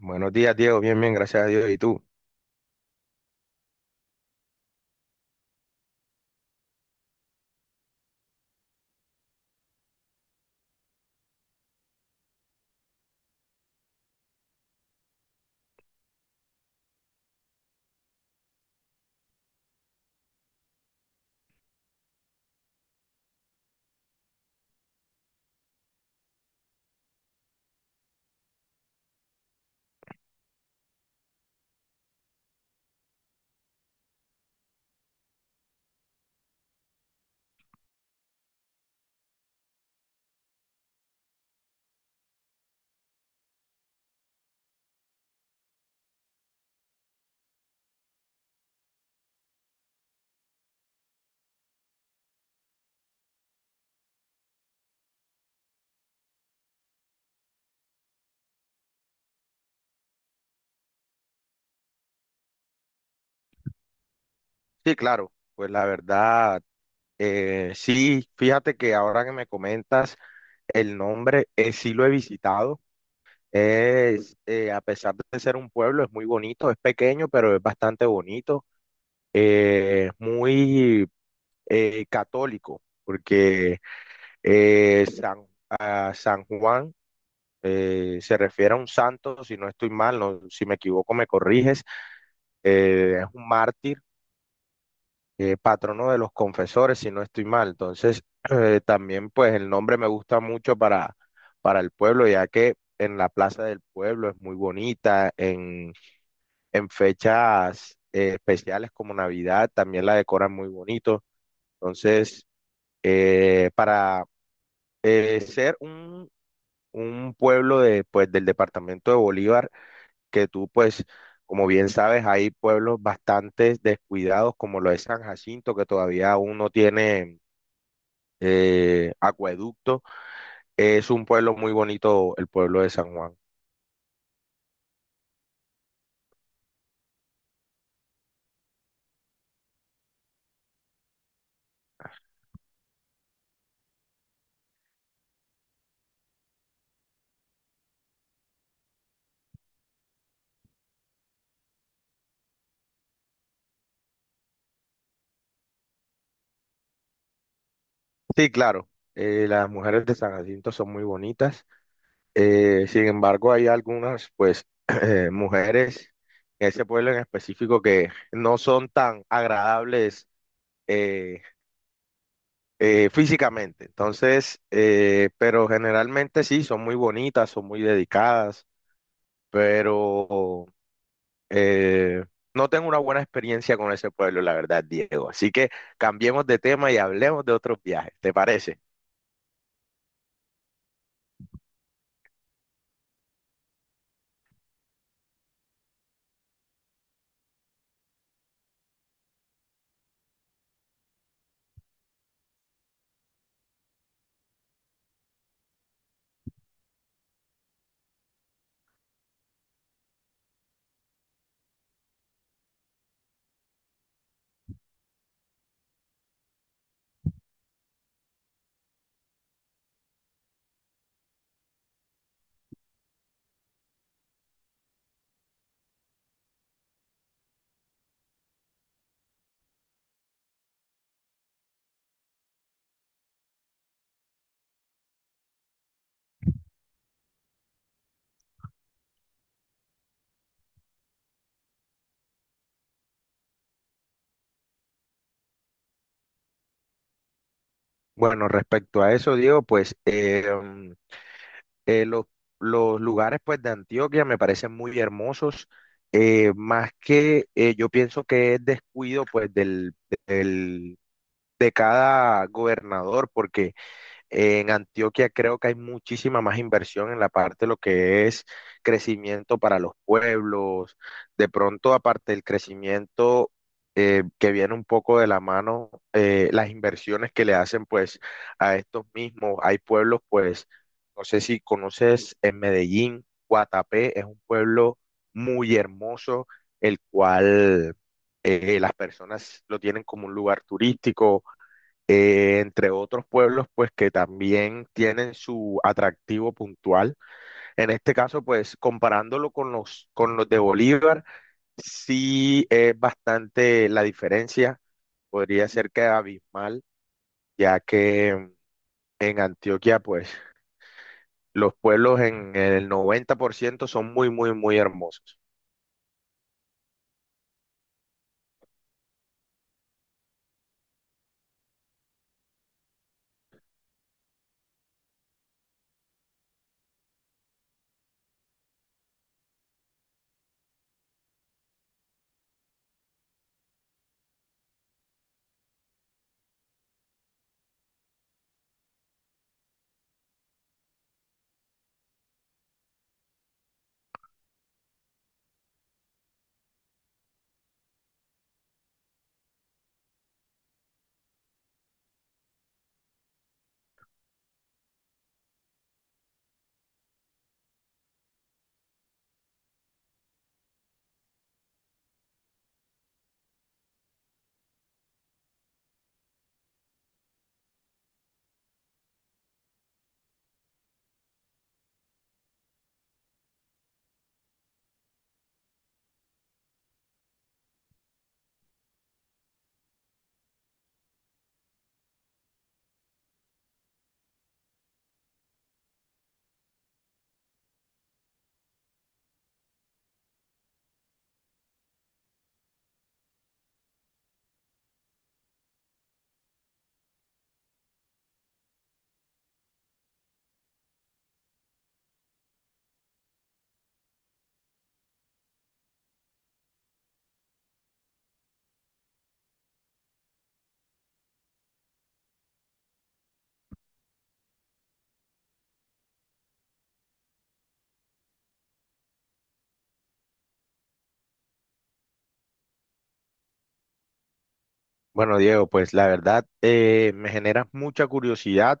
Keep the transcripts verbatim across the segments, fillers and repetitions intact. Buenos días, Diego. Bien, bien, gracias a Dios. ¿Y tú? Sí, claro. Pues la verdad, eh, sí, fíjate que ahora que me comentas el nombre, eh, sí lo he visitado. Es, eh, a pesar de ser un pueblo, es muy bonito, es pequeño, pero es bastante bonito. Eh, es muy eh, católico, porque eh, San, a San Juan eh, se refiere a un santo, si no estoy mal, no, si me equivoco me corriges, eh, es un mártir eh, patrono de los confesores, si no estoy mal. Entonces, eh, también pues el nombre me gusta mucho para, para el pueblo, ya que en la Plaza del Pueblo es muy bonita, en, en fechas eh, especiales como Navidad también la decoran muy bonito. Entonces, eh, para eh, ser un, un pueblo de, pues, del departamento de Bolívar, que tú pues... Como bien sabes, hay pueblos bastante descuidados, como lo es San Jacinto, que todavía aún no tiene eh, acueducto. Es un pueblo muy bonito, el pueblo de San Juan. Sí, claro, eh, las mujeres de San Jacinto son muy bonitas. Eh, sin embargo, hay algunas, pues, eh, mujeres en ese pueblo en específico que no son tan agradables eh, eh, físicamente. Entonces, eh, pero generalmente sí, son muy bonitas, son muy dedicadas, pero Eh, no tengo una buena experiencia con ese pueblo, la verdad, Diego. Así que cambiemos de tema y hablemos de otros viajes, ¿te parece? Bueno, respecto a eso, Diego, pues eh, mm, eh, los, los lugares pues, de Antioquia me parecen muy hermosos, eh, más que eh, yo pienso que es descuido pues, del, del- de cada gobernador, porque en Antioquia creo que hay muchísima más inversión en la parte de lo que es crecimiento para los pueblos. De pronto, aparte del crecimiento eh, que viene un poco de la mano, eh, las inversiones que le hacen pues a estos mismos. Hay pueblos pues, no sé si conoces en Medellín, Guatapé es un pueblo muy hermoso, el cual eh, las personas lo tienen como un lugar turístico eh, entre otros pueblos, pues que también tienen su atractivo puntual. En este caso, pues comparándolo con los, con los de Bolívar, sí es bastante la diferencia, podría ser que abismal, ya que en Antioquia, pues los pueblos en el noventa por ciento son muy, muy, muy hermosos. Bueno, Diego, pues la verdad eh, me generas mucha curiosidad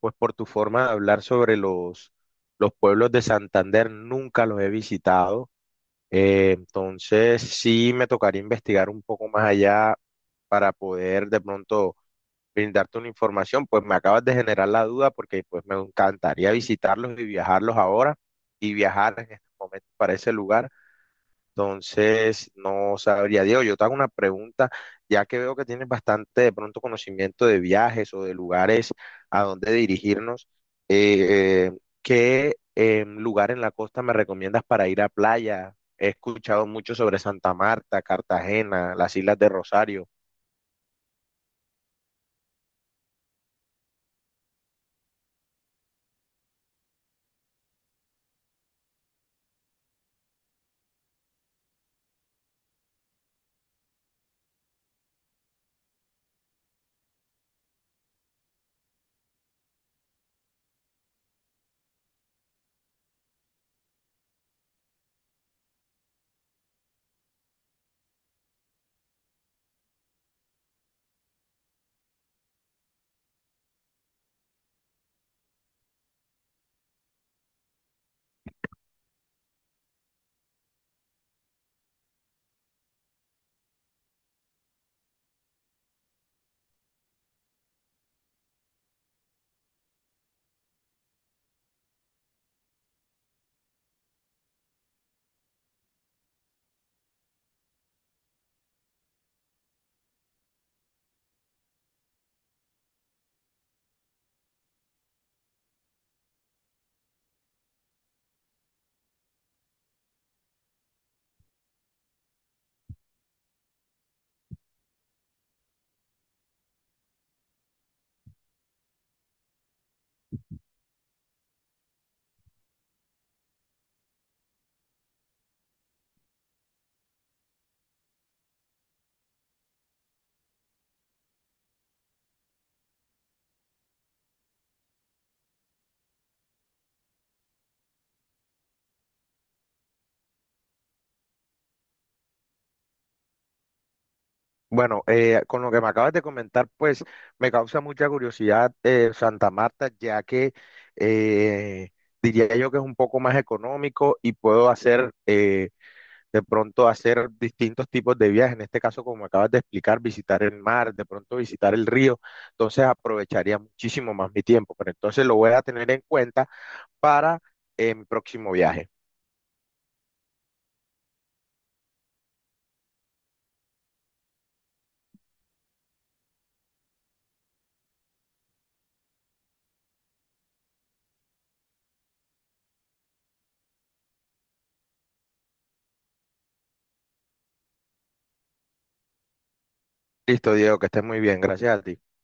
pues por tu forma de hablar sobre los, los pueblos de Santander, nunca los he visitado. Eh, entonces sí me tocaría investigar un poco más allá para poder de pronto brindarte una información. Pues me acabas de generar la duda porque pues me encantaría visitarlos y viajarlos ahora y viajar en este momento para ese lugar. Entonces, no sabría, Diego, yo te hago una pregunta, ya que veo que tienes bastante de pronto conocimiento de viajes o de lugares a donde dirigirnos, eh, eh, ¿qué eh, lugar en la costa me recomiendas para ir a playa? He escuchado mucho sobre Santa Marta, Cartagena, las Islas de Rosario. Bueno, eh, con lo que me acabas de comentar, pues me causa mucha curiosidad eh, Santa Marta, ya que... eh, diría yo que es un poco más económico y puedo hacer eh, de pronto hacer distintos tipos de viajes, en este caso como acabas de explicar, visitar el mar, de pronto visitar el río, entonces aprovecharía muchísimo más mi tiempo, pero entonces lo voy a tener en cuenta para eh, mi próximo viaje. Listo, Diego, que estés muy bien, gracias a ti.